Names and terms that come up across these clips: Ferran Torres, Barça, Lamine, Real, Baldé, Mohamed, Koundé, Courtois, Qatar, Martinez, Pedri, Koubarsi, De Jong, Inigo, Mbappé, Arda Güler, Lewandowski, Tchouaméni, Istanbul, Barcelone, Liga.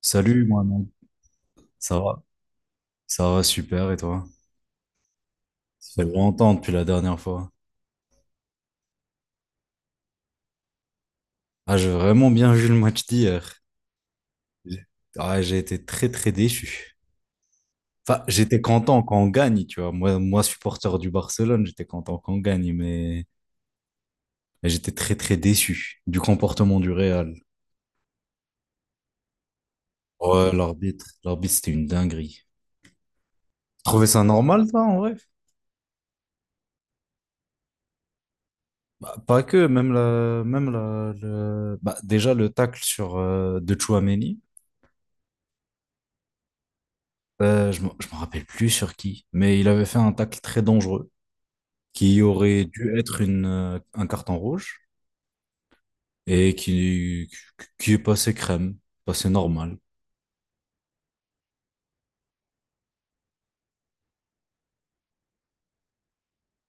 Salut, Mohamed. Ça va? Ça va super, et toi? Ça fait longtemps depuis la dernière fois. Ah, j'ai vraiment bien vu le match d'hier. J'ai- Ah, j'ai été très, très déçu. Enfin, j'étais content quand on gagne, tu vois. Moi, supporter du Barcelone, j'étais content quand on gagne, mais j'étais très, très déçu du comportement du Real. Ouais, l'arbitre, c'était une dinguerie. Trouvais ça normal, toi, en vrai? Bah, pas que, même la, le- bah, déjà le tacle sur de Tchouaméni. Je ne me rappelle plus sur qui, mais il avait fait un tacle très dangereux qui aurait dû être un carton rouge et qui est passé crème, passé normal.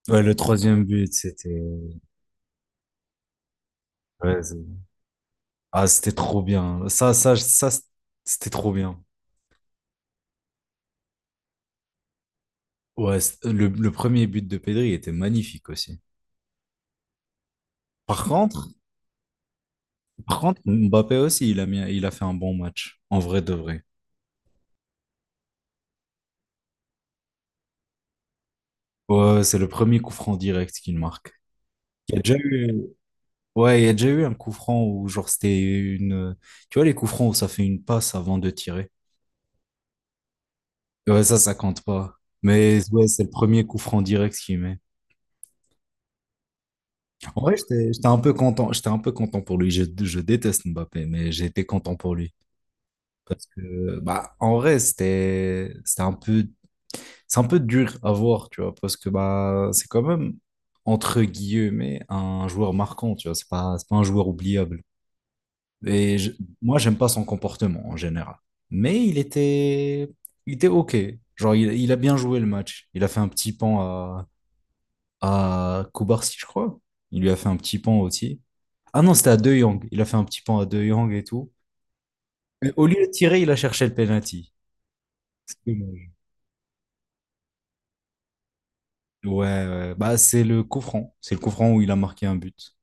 Ouais, le troisième but, c'était... ouais, c'est- ah, c'était trop bien. Ça, c'était trop bien. Le premier but de Pedri était magnifique aussi. Par contre, par contre, Mbappé aussi, il a fait un bon match, en vrai de vrai. Ouais, c'est le premier coup franc direct qu'il marque. Il y a déjà eu, Ouais, il y a déjà eu un coup franc où, genre, c'était une. Tu vois, les coups francs où ça fait une passe avant de tirer. Ouais, ça compte pas. Mais ouais, c'est le premier coup franc direct qu'il met. En vrai, j'étais un peu content. J'étais un peu content pour lui. Je déteste Mbappé, mais j'ai été content pour lui. Parce que, bah, en vrai, c'était un peu, c'est un peu dur à voir, tu vois, parce que, bah, c'est quand même, entre guillemets, un joueur marquant, tu vois, c'est pas un joueur oubliable. Et je- Moi, j'aime pas son comportement en général. Mais il était, il était OK. Genre, il a bien joué le match. Il a fait un petit pan à Koubarsi, je crois. Il lui a fait un petit pan aussi. Ah non, c'était à De Jong. Il a fait un petit pan à De Jong et tout. Mais au lieu de tirer, il a cherché le penalty. C'est dommage. Ouais, ouais. Bah, c'est le coup franc. C'est le coup franc où il a marqué un but.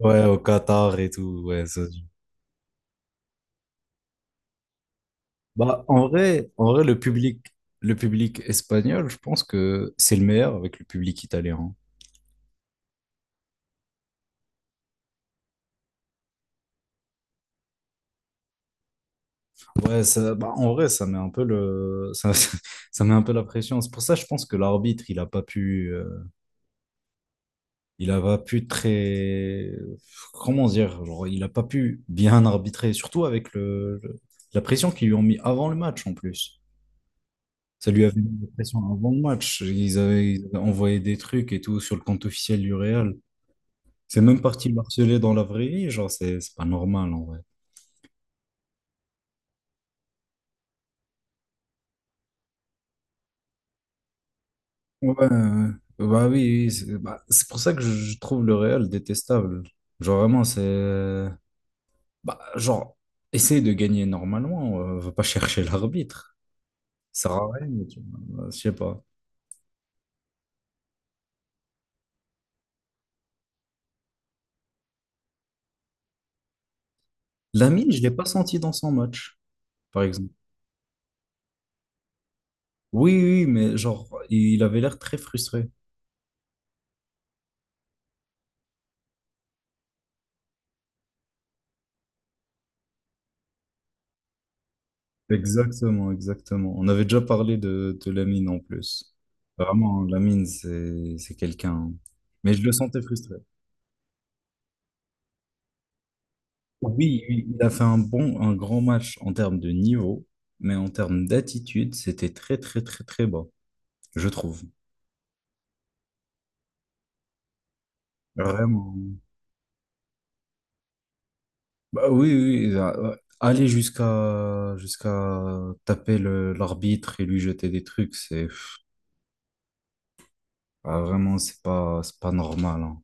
Ouais, au Qatar et tout. Ouais, ça se joue. Bah, en vrai, le public espagnol, je pense que c'est le meilleur avec le public italien, hein. Ouais, ça, bah, en vrai, ça met un peu le, ça, ça met un peu la pression. C'est pour ça, je pense que l'arbitre, il a pas pu comment dire, genre, il a pas pu bien arbitrer, surtout avec la pression qu'ils lui ont mis avant le match, en plus. Ça lui avait mis la pression avant le match. Ils avaient envoyé des trucs et tout sur le compte officiel du Real. C'est même parti le harceler dans la vraie vie, genre, c'est pas normal, en vrai. Ouais, ouais, ouais. Bah oui, oui, oui, c'est pour ça que je trouve le Real détestable. Genre vraiment, genre, essaye de gagner normalement, va pas chercher l'arbitre. Ça sert à rien, tu vois, bah, je sais pas. Lamine, je l'ai pas senti dans son match, par exemple. Oui, oui, oui, mais genre, il avait l'air très frustré. Exactement, exactement. On avait déjà parlé de Lamine en plus. Vraiment, Lamine, c'est quelqu'un. Mais je le sentais frustré. Oui, oui, il a fait un bon, un grand match en termes de niveau, mais en termes d'attitude, c'était très, très, très, très bas, je trouve. Vraiment. Ouais, aller jusqu'à taper l'arbitre et lui jeter des trucs, c'est pff, ah, vraiment, c'est pas normal, hein.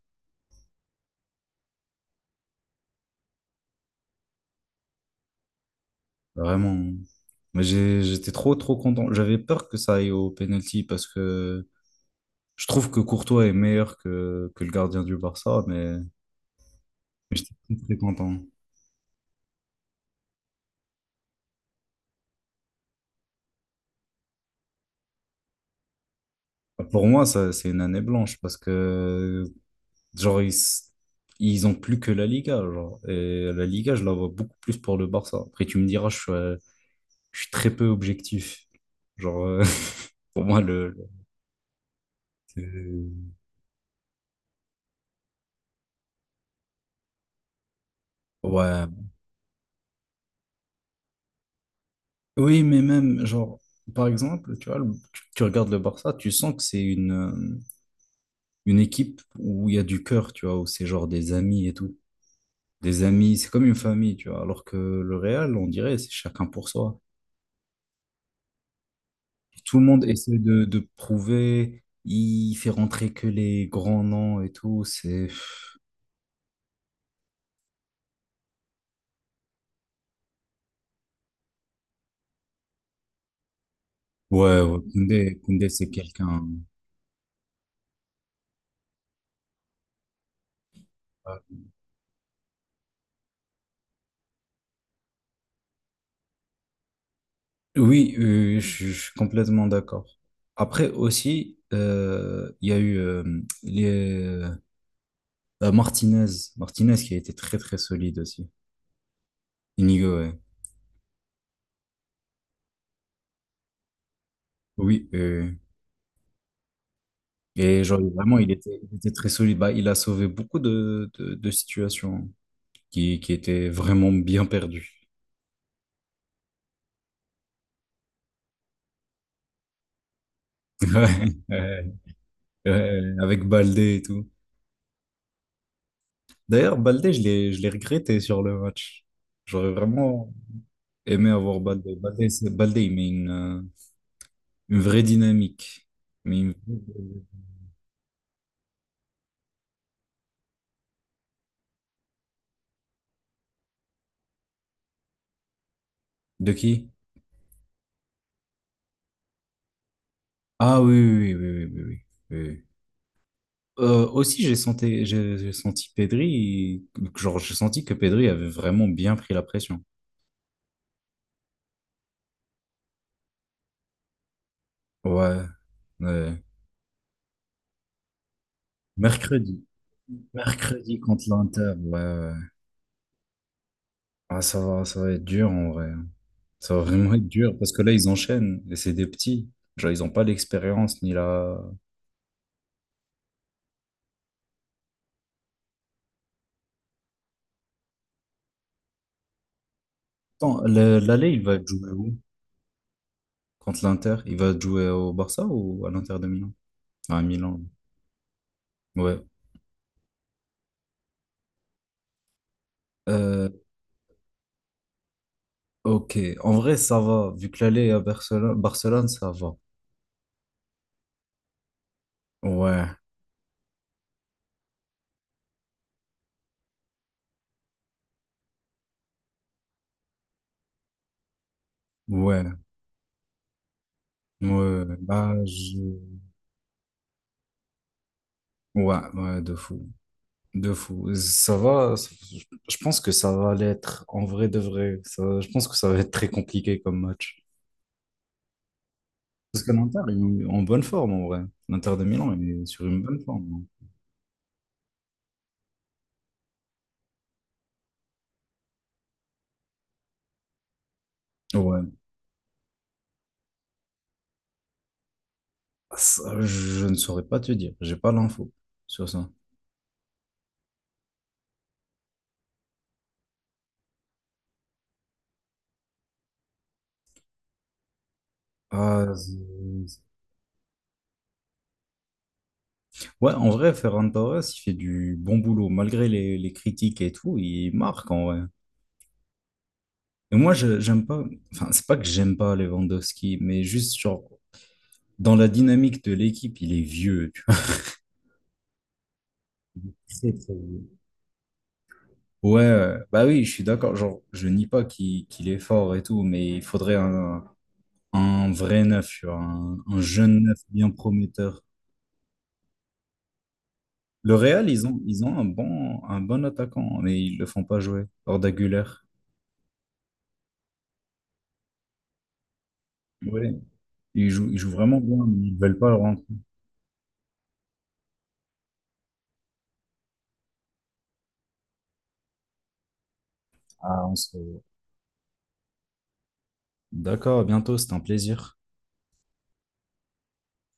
Vraiment. J'étais trop, trop content. J'avais peur que ça aille au penalty parce que je trouve que Courtois est meilleur que le gardien du Barça, mais j'étais très, très content. Pour moi, ça, c'est une année blanche parce que, genre, ils, s- ils ont plus que la Liga, genre. Et la Liga, je la vois beaucoup plus pour le Barça. Après, tu me diras, je suis très peu objectif. Genre, euh, pour moi, c'est- ouais. Oui, mais même, genre, par exemple, tu vois, tu regardes le Barça, tu sens que c'est une équipe où il y a du cœur, tu vois, où c'est genre des amis et tout. Des amis, c'est comme une famille, tu vois. Alors que le Real, on dirait, c'est chacun pour soi. Tout le monde essaie de prouver, il fait rentrer que les grands noms et tout, c'est... Ouais, ouais, Koundé, Koundé, c'est quelqu'un... ouais. Oui, je suis complètement d'accord. Après aussi, il y a eu les, Martinez, Martinez qui a été très très solide aussi. Inigo, ouais. Oui, et genre vraiment, il était très solide. Bah, il a sauvé beaucoup de situations qui étaient vraiment bien perdues. Ouais. Ouais, avec Baldé et tout. D'ailleurs, Baldé, je l'ai regretté sur le match. J'aurais vraiment aimé avoir Baldé. Baldé, il met une vraie dynamique. Mais une De qui? Ah oui, oui, oui, oui, oui, oui, oui, oui. Aussi, j'ai senti, j'ai senti Pedri, genre, j'ai senti que Pedri avait vraiment bien pris la pression. Ouais, ouais. Mercredi. Mercredi contre l'Inter, ouais, ouais. Ah, ça va être dur en vrai. Ça va vraiment être dur parce que là, ils enchaînent et c'est des petits. Genre, ils n'ont pas l'expérience ni la. Attends, l'aller, il va jouer où? Contre l'Inter? Il va jouer au Barça ou à l'Inter de Milan? Ah, à Milan. Ouais. Euh, ok. En vrai, ça va. Vu que l'aller est à Barcelone, Barcelone, ça va. Ouais. Ouais. Ouais. Ouais, ouais, de fou. De fou. Je pense que ça va l'être. En vrai, de vrai. Ça... Je pense que ça va être très compliqué comme match. Parce que l'Inter est en bonne forme en vrai. L'Inter de Milan est sur une bonne forme, hein. Ouais. Ça, je ne saurais pas te dire. J'ai pas l'info sur ça. Ah, z- z- ouais, en vrai, Ferran Torres, il fait du bon boulot. Malgré les critiques et tout, il marque en vrai. Et moi, j'aime pas. Enfin, c'est pas que j'aime pas Lewandowski, mais juste genre dans la dynamique de l'équipe, il est vieux, tu vois. Très, très vieux. Ouais, bah oui, je suis d'accord. Genre, je nie pas qu'il est fort et tout, mais un vrai neuf, tu vois, un jeune neuf bien prometteur. Le Real, ils ont un bon attaquant, mais ils le font pas jouer. Arda Güler. Ouais, ils jouent vraiment bien, mais ils veulent pas le rendre. Ah, on se... D'accord, à bientôt, c'est un plaisir.